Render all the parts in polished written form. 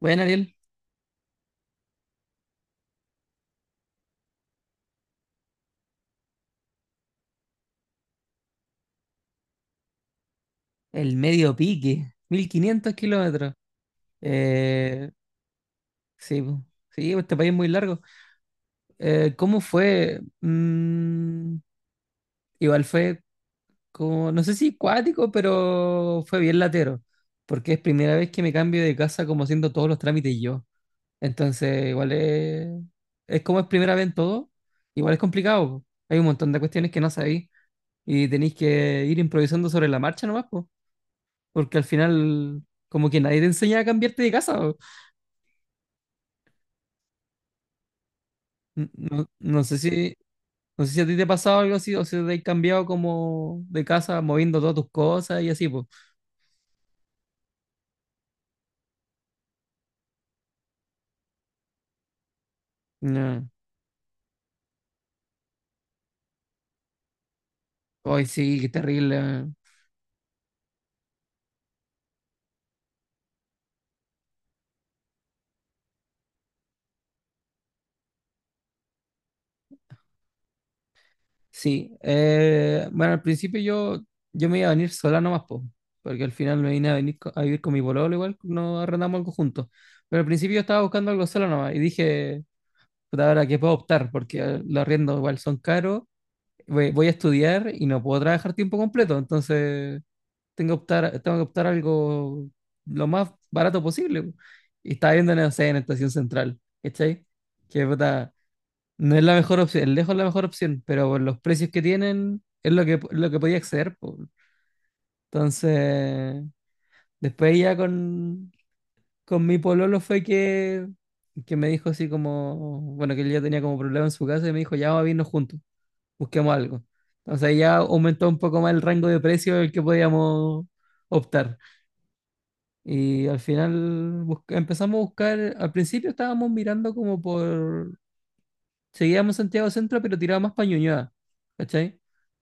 Bueno, Ariel, el medio pique, 1.500 kilómetros. Eh, sí, po. Sí, pues, este país es muy largo. ¿Cómo fue? Igual fue como, no sé si cuático, pero fue bien latero, porque es primera vez que me cambio de casa como haciendo todos los trámites yo. Entonces, igual es como es primera vez en todo, igual es complicado, po. Hay un montón de cuestiones que no sabéis y tenéis que ir improvisando sobre la marcha nomás, pues. Porque al final, como que nadie te enseña a cambiarte de casa. No, no sé si a ti te ha pasado algo así, o si te has cambiado como de casa, moviendo todas tus cosas y así, pues. No. Ay, sí, qué terrible. Sí. Bueno, al principio yo me iba a venir sola nomás, pues. Porque al final me vine a venir a vivir con mi pololo, igual no arrendamos algo juntos. Pero al principio yo estaba buscando algo sola nomás y dije, puta, ahora que puedo optar, porque los arriendos igual son caros, voy a estudiar y no puedo trabajar tiempo completo, entonces tengo que optar algo lo más barato posible. Y estaba viendo, no sé, en Estación Central, ¿cachai? Que puta, no es la mejor opción, lejos la mejor opción, pero por los precios que tienen es lo que podía acceder, po. Entonces, después ya con mi pololo fue que me dijo así como, bueno, que él ya tenía como problema en su casa y me dijo, ya vamos a irnos juntos, busquemos algo. Entonces ahí ya aumentó un poco más el rango de precio del que podíamos optar. Y al final empezamos a buscar, al principio estábamos mirando como por, seguíamos Santiago Centro, pero tiraba más para Ñuñoa, ¿cachai?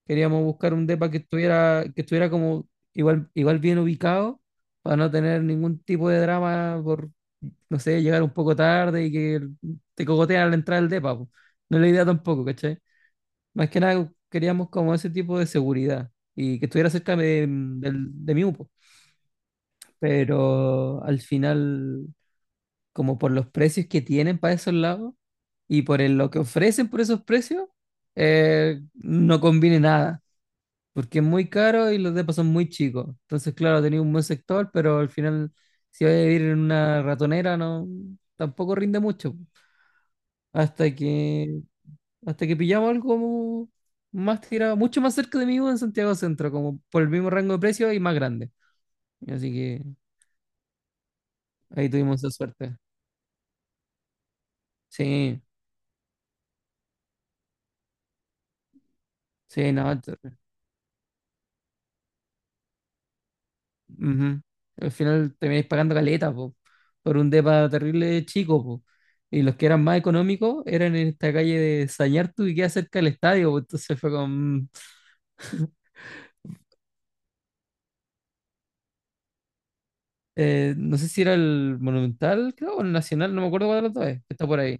Queríamos buscar un depa que estuviera como igual bien ubicado, para no tener ningún tipo de drama por, no sé, llegar un poco tarde y que te cogotean al entrar al depa, po. No es la idea tampoco, ¿cachai? Más que nada queríamos como ese tipo de seguridad y que estuviera cerca de, de mi UPO. Pero al final, como por los precios que tienen para esos lados y por lo que ofrecen por esos precios, no conviene nada, porque es muy caro y los depas son muy chicos. Entonces, claro, tenía un buen sector, pero al final, si vas a vivir en una ratonera, no, tampoco rinde mucho. Hasta que Hasta que pillaba algo como más tirado, mucho más cerca de mí en Santiago Centro, como por el mismo rango de precio y más grande. Así que ahí tuvimos esa suerte. Sí, sí, no. Ujú. Al final termináis pagando caleta, po, por un depa terrible chico, po. Y los que eran más económicos eran en esta calle de Sañartu y queda cerca del estadio, po. Entonces no sé si era el Monumental, creo, o el Nacional, no me acuerdo cuál de los dos es, que está por ahí.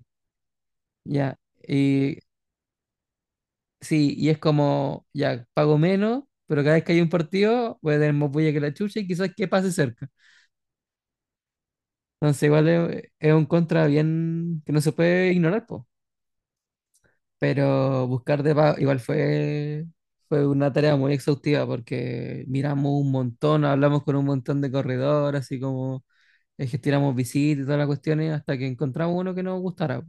Ya. Y Sí, y es como, ya, pago menos, pero cada vez que hay un partido voy a tener más bulla que la chucha y quizás que pase cerca. Entonces igual es un contra bien que no se puede ignorar, po. Pero buscar igual fue una tarea muy exhaustiva porque miramos un montón, hablamos con un montón de corredores, así como gestionamos visitas y todas las cuestiones hasta que encontramos uno que nos gustara,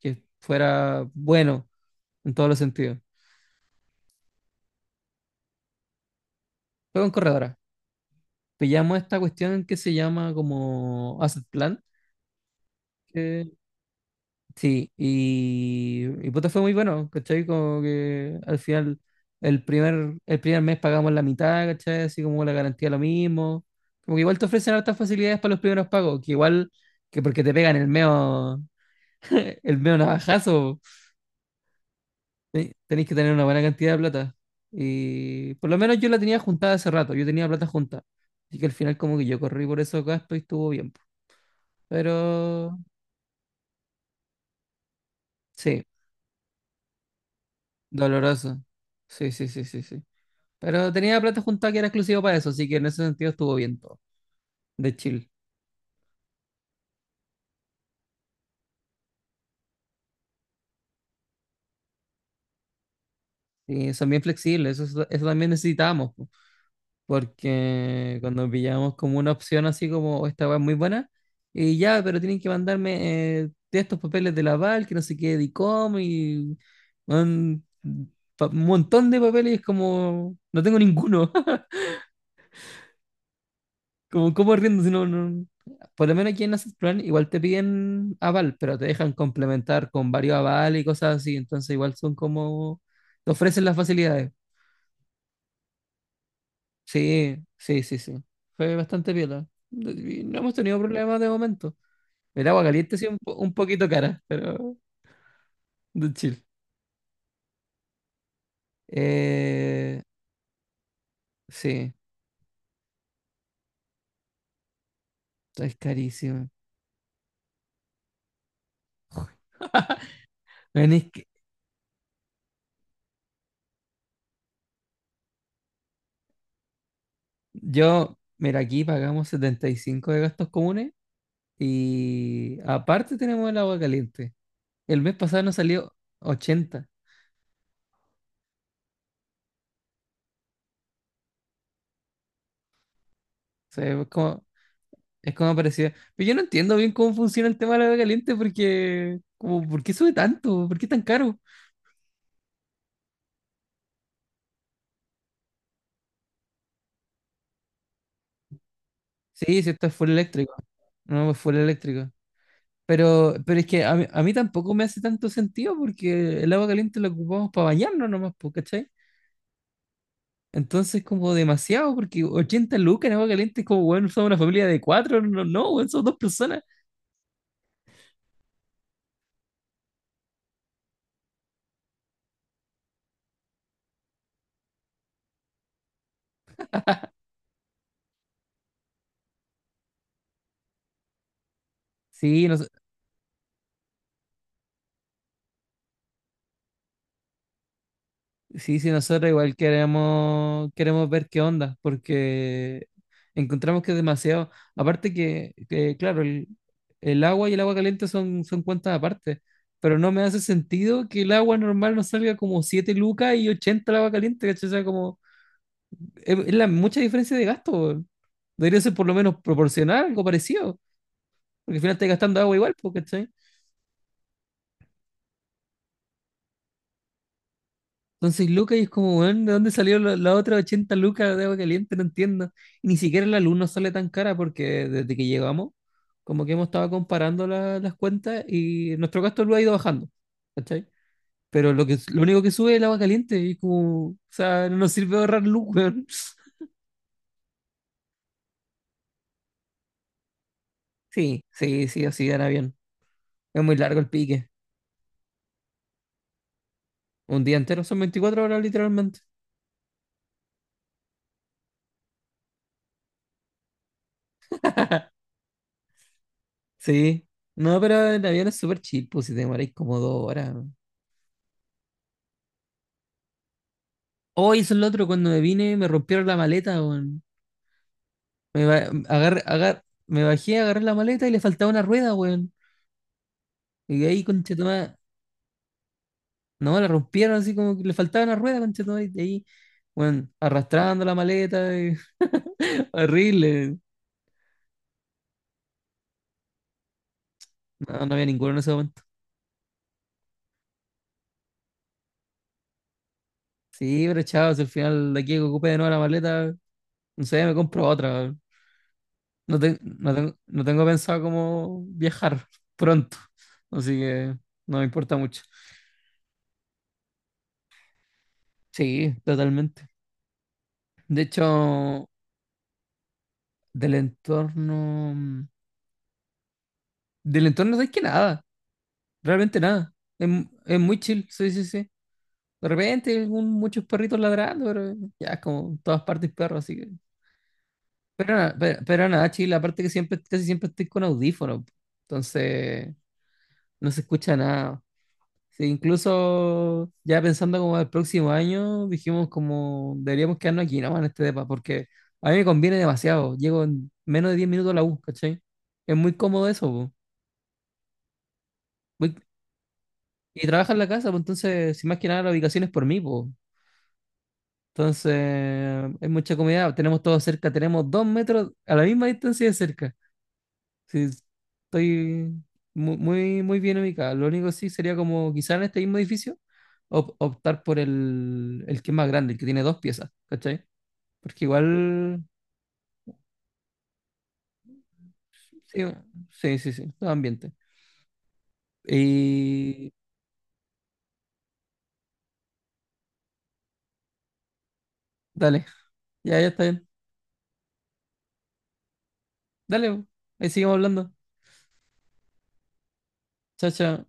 que fuera bueno en todos los sentidos. Fue con corredora. Pillamos esta cuestión que se llama como Asset Plan. que- sí, y puta, fue muy bueno, ¿cachai? Como que al final, el primer mes pagamos la mitad, ¿cachai? Así como la garantía lo mismo. Como que igual te ofrecen hartas facilidades para los primeros pagos, que igual que porque te pegan el meo, el meo navajazo, tenés que tener una buena cantidad de plata. Y por lo menos yo la tenía juntada hace rato, yo tenía plata junta. Así que al final como que yo corrí por esos gastos y estuvo bien. Pero Sí, doloroso. Sí, sí, sí, sí, sí. Pero tenía plata juntada que era exclusivo para eso, así que en ese sentido estuvo bien todo, de chill. Y son bien flexibles, eso, eso también necesitamos, po, porque cuando pillamos como una opción así como "Oh, esta weá es muy buena", y ya, pero tienen que mandarme de estos papeles de la Val, que no sé qué, de ICOM, y un, un montón de papeles, como no tengo ninguno. Como, ¿cómo riendo? Si no, por lo menos aquí en Asset Plan igual te piden aval, pero te dejan complementar con varios avales y cosas así. Entonces igual son como, te ofrecen las facilidades. Sí, sí, sí, sí. Fue bastante piola. Y no hemos tenido problemas de momento. El agua caliente sí un poquito cara, pero de chill. Eh, sí, es carísimo. Bueno, es que yo, mira, aquí pagamos 75 de gastos comunes y aparte tenemos el agua caliente. El mes pasado nos salió 80. O sea, es como parecía. Pero yo no entiendo bien cómo funciona el tema de la agua caliente porque, como, ¿por qué sube tanto? ¿Por qué tan caro? Sí, sí, esto es full eléctrico. No, es full eléctrico. Pero es que a mí tampoco me hace tanto sentido porque el agua caliente la ocupamos para bañarnos nomás, po, ¿cachai? Entonces, como demasiado, porque 80 lucas en agua caliente es como, bueno, somos una familia de cuatro, no, no, weón, somos dos personas. Sí, no. Sí, sí, nosotros igual queremos ver qué onda, porque encontramos que es demasiado. Aparte que, claro, el agua y el agua caliente son cuentas aparte, pero no me hace sentido que el agua normal nos salga como 7 lucas y 80 el agua caliente, ¿cachai? O sea, como, es la mucha diferencia de gasto, weón. Debería ser por lo menos proporcional, algo parecido, porque al final estás gastando agua igual, pues, ¿cachai? Entonces, 6 lucas y es como, weón, ¿de dónde salió las otras 80 lucas de agua caliente? No entiendo. Y ni siquiera la luz nos sale tan cara porque desde que llegamos, como que hemos estado comparando las cuentas y nuestro gasto lo ha ido bajando. ¿Cachai? Pero lo único que sube es el agua caliente y como, o sea, no nos sirve ahorrar luz, weón. Sí, sí, sí, así era bien. Es muy largo el pique. Un día entero son 24 horas literalmente. Sí. No, pero el avión es súper chill, pues si te demoráis como 2 horas. Hoy eso es lo otro, cuando me vine me rompieron la maleta, weón. Me bajé, agarré la maleta y le faltaba una rueda, weón. Y de ahí, conchetumá, no, la rompieron así como que le faltaba una rueda, conchetumá, y de ahí, weón, arrastrando la maleta, horrible. No, no había ninguno en ese momento. Sí, pero chao, si al final de aquí que ocupe de nuevo la maleta, no sé, me compro otra, weón. No, no, no tengo pensado cómo viajar pronto, así que no me importa mucho. Sí, totalmente. De hecho, del entorno. Del entorno no que nada, realmente nada. Es muy chill, sí, sí, sí. De repente, muchos perritos ladrando, pero ya, como en todas partes perros, así que. Pero nada, chill, aparte que siempre, casi siempre estoy con audífonos, entonces no se escucha nada. Sí, incluso ya pensando como el próximo año, dijimos como deberíamos quedarnos aquí nomás en este depa, porque a mí me conviene demasiado. Llego en menos de 10 minutos a la U, ¿cachai? Es muy cómodo eso, po. Voy- Y trabaja en la casa, pues entonces, si más que nada la ubicación es por mí, pues. Entonces, es mucha comida, tenemos todo cerca, tenemos dos metros a la misma distancia de cerca. Sí, estoy muy, muy, bien ubicado. Lo único sí sería como quizá en este mismo edificio optar por el que es más grande, el que tiene dos piezas, ¿cachai? Porque igual, sí, sí, sí, sí, todo ambiente. Y dale, ya, ya está bien. Dale, ahí seguimos hablando. Chao, chao.